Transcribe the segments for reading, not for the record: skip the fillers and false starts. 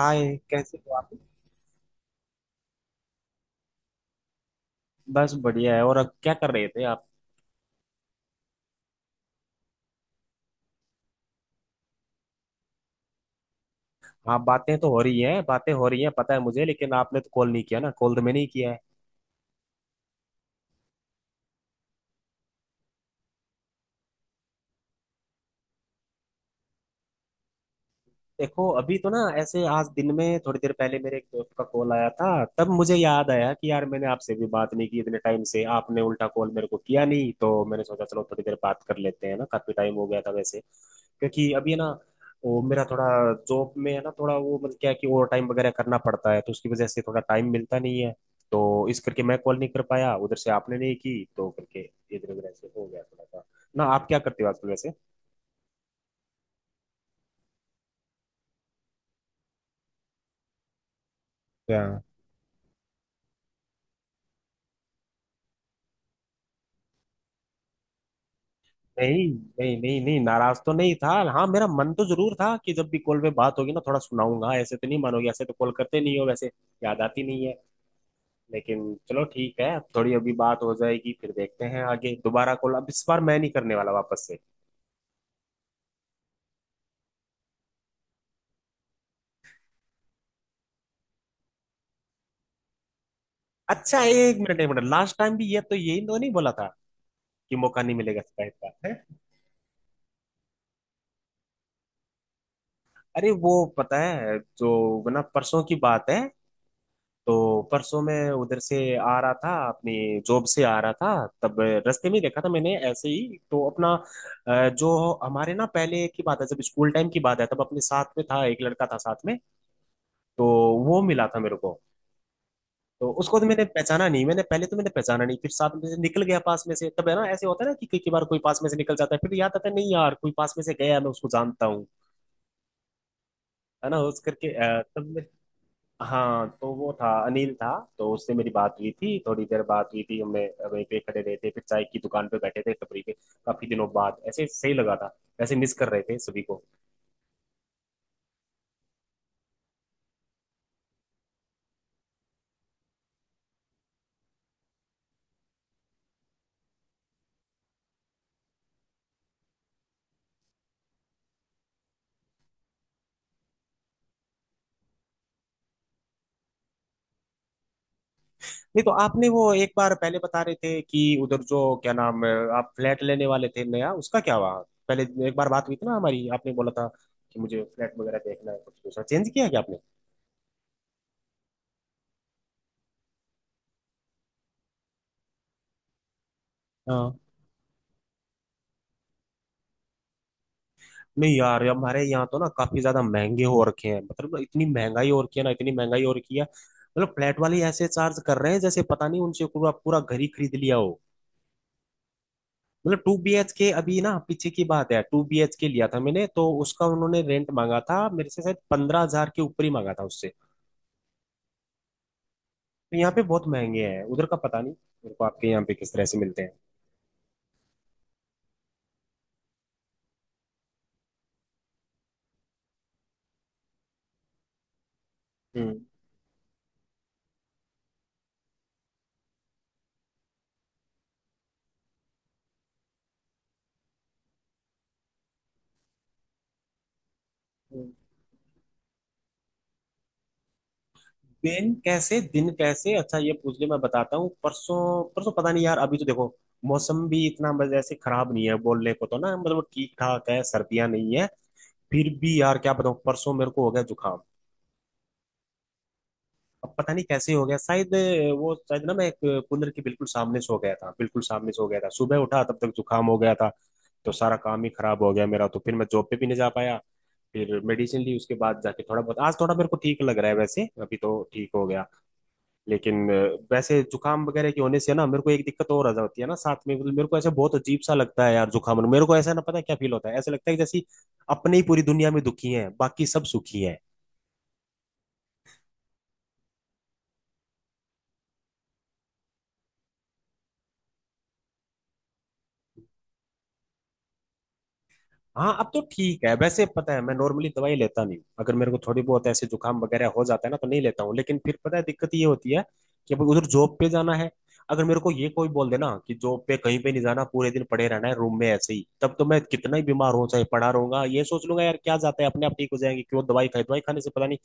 हाँ, ये कैसे हो आप। बस बढ़िया है। और अब क्या कर रहे थे आप? हाँ, बातें तो हो रही है, बातें हो रही है, पता है मुझे, लेकिन आपने तो कॉल नहीं किया ना, कॉल तो मैंने ही किया है। देखो, अभी तो ना, ऐसे आज दिन में थोड़ी देर पहले मेरे एक दोस्त का कॉल आया था। तब मुझे याद आया कि यार मैंने आपसे भी बात नहीं की इतने टाइम से, आपने उल्टा कॉल मेरे को किया नहीं, तो मैंने सोचा चलो थोड़ी देर बात कर लेते हैं ना, काफी टाइम हो गया था वैसे, क्योंकि अभी है ना, वो मेरा थोड़ा जॉब में है ना, थोड़ा वो मतलब क्या है कि ओवर टाइम वगैरह करना पड़ता है, तो उसकी वजह से थोड़ा टाइम मिलता नहीं है। तो इस करके मैं कॉल नहीं कर पाया, उधर से आपने नहीं की तो करके इधर उधर ऐसे हो गया थोड़ा सा। ना आप क्या करते हो आजकल वैसे? नहीं नहीं नहीं नहीं, नाराज तो नहीं था। हाँ, मेरा मन तो जरूर था कि जब भी कॉल पे बात होगी ना, थोड़ा सुनाऊंगा। ऐसे तो नहीं मानोगे, ऐसे तो कॉल करते नहीं हो वैसे, याद आती नहीं है। लेकिन चलो ठीक है, अब थोड़ी अभी बात हो जाएगी, फिर देखते हैं आगे दोबारा कॉल। अब इस बार मैं नहीं करने वाला वापस से। अच्छा, एक मिनट एक मिनट, लास्ट टाइम भी ये तो यही तो नहीं बोला था कि मौका नहीं मिलेगा शिकायत का, है? अरे वो, पता है, जो ना परसों की बात है, तो परसों मैं उधर से आ रहा था, अपनी जॉब से आ रहा था। तब रास्ते में ही देखा था मैंने ऐसे ही, तो अपना जो हमारे ना पहले की बात है, जब स्कूल टाइम की बात है, तब अपने साथ में था, एक लड़का था साथ में। तो वो मिला था मेरे को। तो उसको तो मैंने पहचाना नहीं, मैंने पहले तो मैंने पहचाना नहीं, फिर साथ में से निकल गया पास में से। तब है ना, ऐसे होता है ना कि कई कई बार कोई पास में से निकल जाता है, फिर याद आता है, नहीं यार कोई पास में से गया, मैं उसको जानता हूँ। है ना, उस करके तब हाँ, तो वो था, अनिल था। तो उससे मेरी बात हुई थी, थोड़ी देर बात हुई थी हमने, वहीं पे खड़े रहे थे, फिर चाय की दुकान पे बैठे थे, टपरी पे। काफी दिनों बाद ऐसे सही लगा था, ऐसे मिस कर रहे थे सभी को। नहीं तो आपने वो एक बार पहले बता रहे थे कि उधर जो क्या नाम है, आप फ्लैट लेने वाले थे नया, उसका क्या हुआ? पहले एक बार बात हुई थी ना हमारी, आपने बोला था कि मुझे फ्लैट वगैरह देखना है, कुछ दूसरा चेंज किया क्या आपने? नहीं यार, हमारे यहाँ तो ना काफी ज्यादा महंगे हो रखे हैं, मतलब इतनी महंगाई हो रखी है ना, इतनी महंगाई हो रखी है, मतलब फ्लैट वाले ऐसे चार्ज कर रहे हैं जैसे पता नहीं उनसे पूरा पूरा घर ही खरीद लिया हो। मतलब 2 BHK, अभी ना पीछे की बात है, 2 BHK लिया था मैंने, तो उसका उन्होंने रेंट मांगा था मेरे से, शायद 15,000 के ऊपर ही मांगा था उससे। तो यहाँ पे बहुत महंगे हैं, उधर का पता नहीं मेरे को, आपके यहाँ पे किस तरह से मिलते हैं? हम्म। दिन कैसे, दिन कैसे, अच्छा ये पूछ ले, मैं बताता हूँ। परसों परसों, पता नहीं यार, अभी तो देखो मौसम भी इतना बस ऐसे खराब नहीं है बोलने को तो ना, मतलब ठीक ठाक है, सर्दियां नहीं है। फिर भी यार क्या बताऊँ, परसों मेरे को हो गया जुकाम। अब पता नहीं कैसे हो गया, शायद वो, शायद ना मैं एक कूलर के बिल्कुल सामने सो गया था, बिल्कुल सामने सो गया था, सुबह उठा तब तक जुकाम हो गया था। तो सारा काम ही खराब हो गया मेरा, तो फिर मैं जॉब पे भी नहीं जा पाया। फिर मेडिसिन ली, उसके बाद जाके थोड़ा बहुत आज थोड़ा मेरे को ठीक लग रहा है वैसे, अभी तो ठीक हो गया। लेकिन वैसे जुकाम वगैरह के होने से ना मेरे को एक दिक्कत और आ जाती है ना साथ में, मतलब मेरे को ऐसा बहुत अजीब सा लगता है यार जुकाम, मेरे को ऐसा ना पता क्या फील होता है, ऐसा लगता है कि जैसे अपने ही पूरी दुनिया में दुखी हैं, बाकी सब सुखी हैं। हाँ, अब तो ठीक है। वैसे पता है, मैं नॉर्मली दवाई लेता नहीं हूँ, अगर मेरे को थोड़ी बहुत ऐसे जुकाम वगैरह हो जाता है ना तो नहीं लेता हूँ। लेकिन फिर पता है, दिक्कत ये होती है कि अब उधर जॉब पे जाना है। अगर मेरे को ये कोई बोल दे ना कि जॉब पे कहीं पे नहीं जाना, पूरे दिन पड़े रहना है रूम में ऐसे ही, तब तो मैं कितना ही बीमार हो चाहे पड़ा रहूंगा, ये सोच लूंगा यार क्या जाता है, अपने आप ठीक हो जाएंगे, क्यों दवाई खाई, दवाई खाने से पता नहीं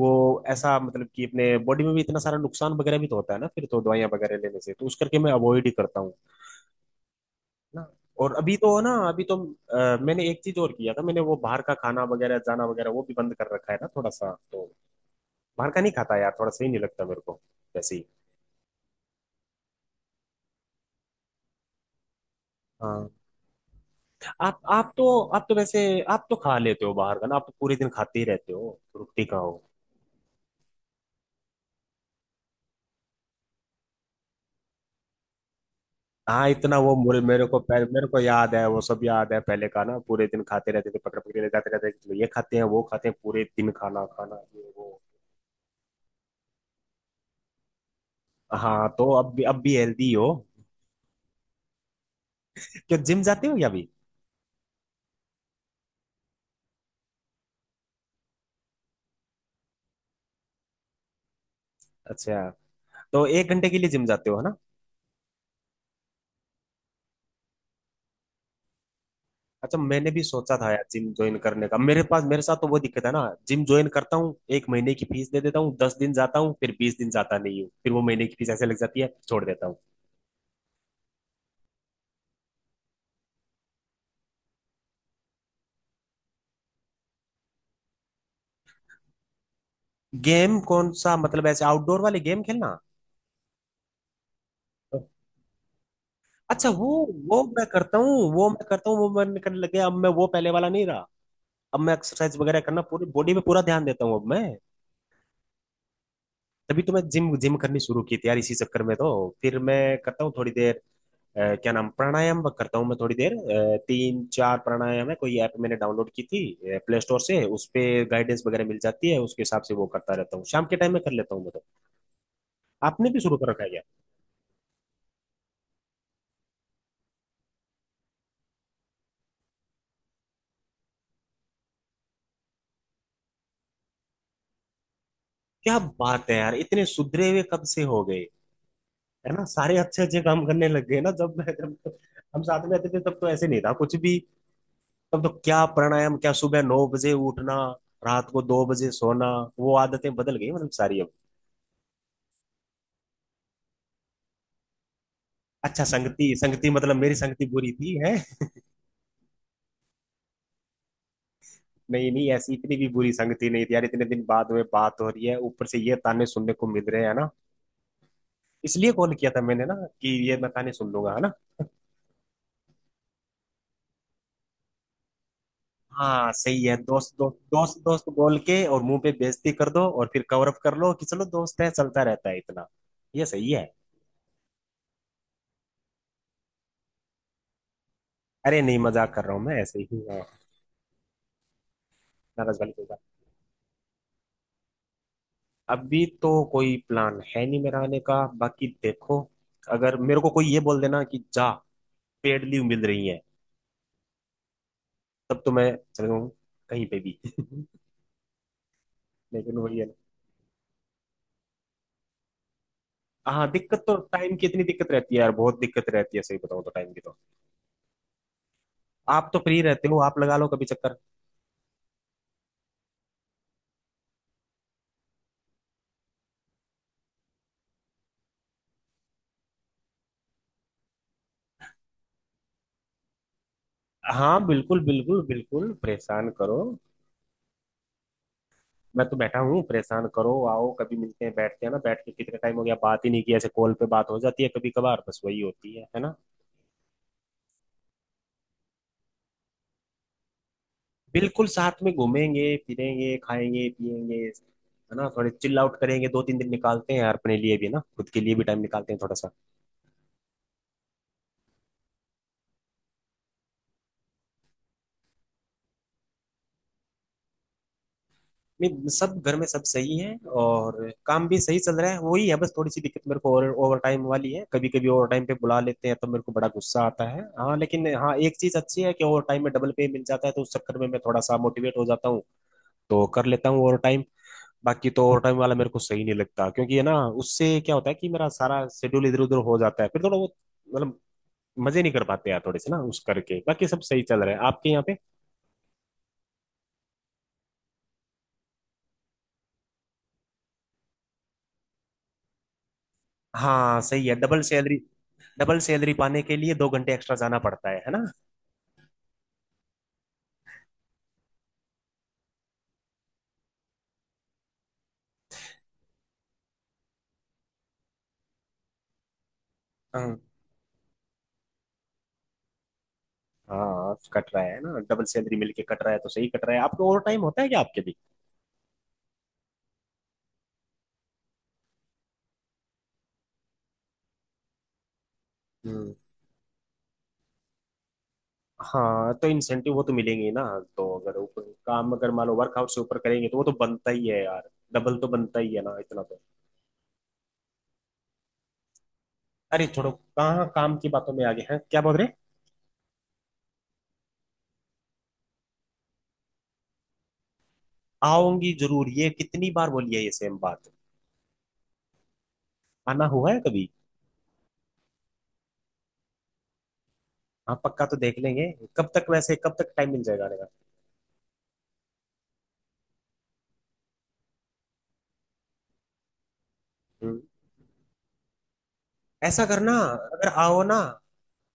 वो ऐसा, मतलब कि अपने बॉडी में भी इतना सारा नुकसान वगैरह भी तो होता है ना, फिर तो दवाइयाँ वगैरह लेने से तो, उस करके मैं अवॉइड ही करता हूँ ना। और अभी तो ना, अभी तो मैंने एक चीज और किया था, मैंने वो बाहर का खाना वगैरह जाना वगैरह वो भी बंद कर रखा है ना थोड़ा सा, तो बाहर का नहीं खाता यार, थोड़ा सही नहीं लगता मेरे को वैसे ही। हाँ, आप तो, आप तो वैसे, आप तो खा लेते हो बाहर का ना, आप तो पूरे दिन खाते ही रहते हो रुकती का हो। हाँ इतना, वो मुरे, मेरे को मेरे को याद है, वो सब याद है पहले का ना, पूरे दिन खाते रहते थे, पकड़ पकड़ के ले जाते रहते थे, ये खाते हैं वो खाते हैं, पूरे दिन खाना खाना ये वो। हाँ, तो अब भी हेल्दी हो, क्या जिम जाते हो या अभी? अच्छा, तो 1 घंटे के लिए जिम जाते हो है ना? अच्छा, मैंने भी सोचा था यार जिम ज्वाइन करने का, मेरे पास मेरे साथ तो वो दिक्कत है ना, जिम ज्वाइन करता हूँ, 1 महीने की फीस दे देता हूँ, 10 दिन जाता हूँ, फिर 20 दिन जाता नहीं हूँ, फिर वो महीने की फीस ऐसे लग जाती है, छोड़ देता हूँ। गेम कौन सा, मतलब ऐसे आउटडोर वाले गेम खेलना? अच्छा वो मैं करता हूँ, वो मैं करता हूँ, वो मैं करने लग गया, अब मैं वो पहले वाला नहीं रहा। अब मैं एक्सरसाइज वगैरह करना, पूरी बॉडी पे पूरा ध्यान देता हूँ अब मैं। तभी तो मैं जिम जिम करनी शुरू की थी यार, इसी चक्कर में। तो फिर मैं करता हूँ थोड़ी देर क्या नाम, प्राणायाम करता हूँ मैं थोड़ी देर। तीन चार प्राणायाम है, कोई ऐप मैंने डाउनलोड की थी प्ले स्टोर से, उस पे गाइडेंस वगैरह मिल जाती है, उसके हिसाब से वो करता रहता हूँ, शाम के टाइम में कर लेता हूँ मैं तो। आपने भी शुरू कर रखा है क्या? क्या बात है यार, इतने सुधरे हुए कब से हो गए? है ना, सारे अच्छे अच्छे काम करने लग गए ना। जब मैं जब तो हम साथ में रहते थे, तब तो ऐसे नहीं था कुछ भी। तब तो क्या प्राणायाम, क्या सुबह 9 बजे उठना, रात को 2 बजे सोना, वो आदतें बदल गई मतलब सारी अब। अच्छा, संगति संगति मतलब मेरी संगति बुरी थी, है? नहीं नहीं, ऐसी इतनी भी बुरी संगति नहीं थी यार, इतने दिन बाद में बात हो रही है, ऊपर से ये ताने सुनने को मिल रहे हैं ना। इसलिए कॉल किया था मैंने ना, कि ये मैं ताने सुन लूंगा, है ना। हाँ सही है, दोस्त दोस्त दोस्त दोस्त बोल के और मुंह पे बेइज्जती कर दो, और फिर कवर अप कर लो कि चलो दोस्त है, चलता रहता है इतना। ये सही है। अरे नहीं, मजाक कर रहा हूँ मैं ऐसे ही, हाँ, नाराज वाली कोई बात। अभी तो कोई प्लान है नहीं मेरा आने का, बाकी देखो, अगर मेरे को कोई ये बोल देना कि जा, पेड लीव मिल रही है, तब तो मैं चलूँ कहीं पे भी। लेकिन वही है, हाँ, दिक्कत तो टाइम की, इतनी दिक्कत रहती है यार, बहुत दिक्कत रहती है, सही बताऊँ तो टाइम की तो। आप तो फ्री रहते हो, आप लगा लो कभी चक्कर। हाँ बिल्कुल बिल्कुल बिल्कुल, परेशान करो, मैं तो बैठा हूँ, परेशान करो, आओ कभी, मिलते हैं बैठते हैं ना, बैठ के कितने टाइम हो गया बात ही नहीं की, ऐसे कॉल पे बात हो जाती है कभी कभार बस, वही होती है ना। बिल्कुल, साथ में घूमेंगे फिरेंगे खाएंगे पिएंगे, है ना, थोड़े चिल आउट करेंगे, 2 3 दिन निकालते हैं यार अपने लिए भी ना, खुद के लिए भी टाइम निकालते हैं थोड़ा सा। नहीं सब, घर में सब सही है, और काम भी सही चल रहा है, वही है बस थोड़ी सी दिक्कत मेरे को ओवर ओवर टाइम वाली है, कभी कभी ओवर टाइम पे बुला लेते हैं तो मेरे को बड़ा गुस्सा आता है। हाँ लेकिन, हाँ एक चीज अच्छी है, कि ओवर टाइम में डबल पे मिल जाता है, तो उस चक्कर में मैं थोड़ा सा मोटिवेट हो जाता हूँ, तो कर लेता हूँ ओवर टाइम। बाकी तो ओवर टाइम वाला मेरे को सही नहीं लगता, क्योंकि है ना, उससे क्या होता है कि मेरा सारा शेड्यूल इधर उधर हो जाता है, फिर थोड़ा वो, मतलब मजे नहीं कर पाते यार थोड़े से ना, उस करके। बाकी सब सही चल रहा है आपके यहाँ पे? हाँ सही है, डबल सैलरी। डबल सैलरी पाने के लिए 2 घंटे एक्स्ट्रा जाना पड़ता है ना। हाँ। हाँ कट रहा है ना, डबल सैलरी मिलके कट रहा है तो सही कट रहा है। आपके ओवर टाइम होता है क्या आपके भी? हम्म। हाँ, तो इंसेंटिव वो तो मिलेंगे ही ना, तो अगर ऊपर काम, अगर मान लो वर्क आउट से ऊपर करेंगे तो वो तो बनता ही है यार, डबल तो बनता ही है ना इतना तो। अरे छोड़ो, कहाँ काम की बातों में आ गए हैं क्या बोल रहे। आऊंगी जरूर, ये कितनी बार बोली है ये सेम बात, आना हुआ है कभी? हाँ पक्का तो देख लेंगे, कब तक वैसे कब तक टाइम मिल जाएगा आने का? हम्म, ऐसा करना, अगर आओ ना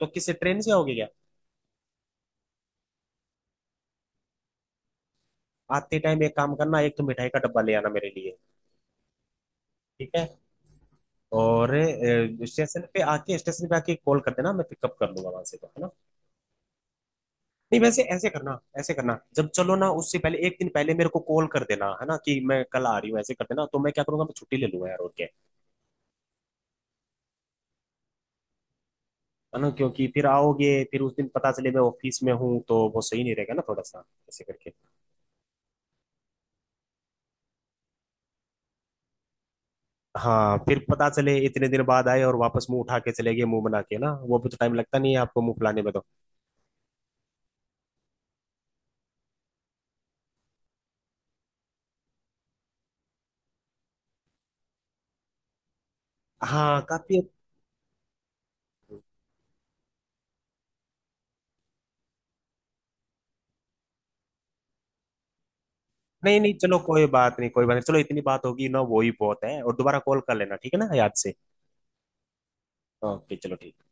तो किसी ट्रेन से होगी क्या? आते टाइम एक काम करना, एक तो मिठाई का डब्बा ले आना मेरे लिए। ठीक है, और स्टेशन पे आके, स्टेशन पे आके कॉल कर देना, मैं पिकअप कर लूंगा वहां से तो, है ना। नहीं वैसे ऐसे करना, ऐसे करना जब चलो ना, उससे पहले एक दिन पहले मेरे को कॉल कर देना, है ना, कि मैं कल आ रही हूँ, ऐसे कर देना, तो मैं क्या करूंगा, मैं छुट्टी ले लूंगा यार, ओके? है ना, क्योंकि फिर आओगे फिर उस दिन पता चले मैं ऑफिस में हूँ, तो वो सही नहीं रहेगा ना थोड़ा सा, ऐसे करके। हाँ फिर पता चले इतने दिन बाद आए और वापस मुंह उठा के चले गए, मुंह बना के ना, वो भी तो टाइम लगता नहीं है आपको मुंह फुलाने में तो। हाँ काफी। नहीं नहीं चलो, कोई बात नहीं, कोई बात नहीं, चलो इतनी बात होगी ना वो ही बहुत है, और दोबारा कॉल कर लेना ठीक है ना याद से। ओके, चलो ठीक।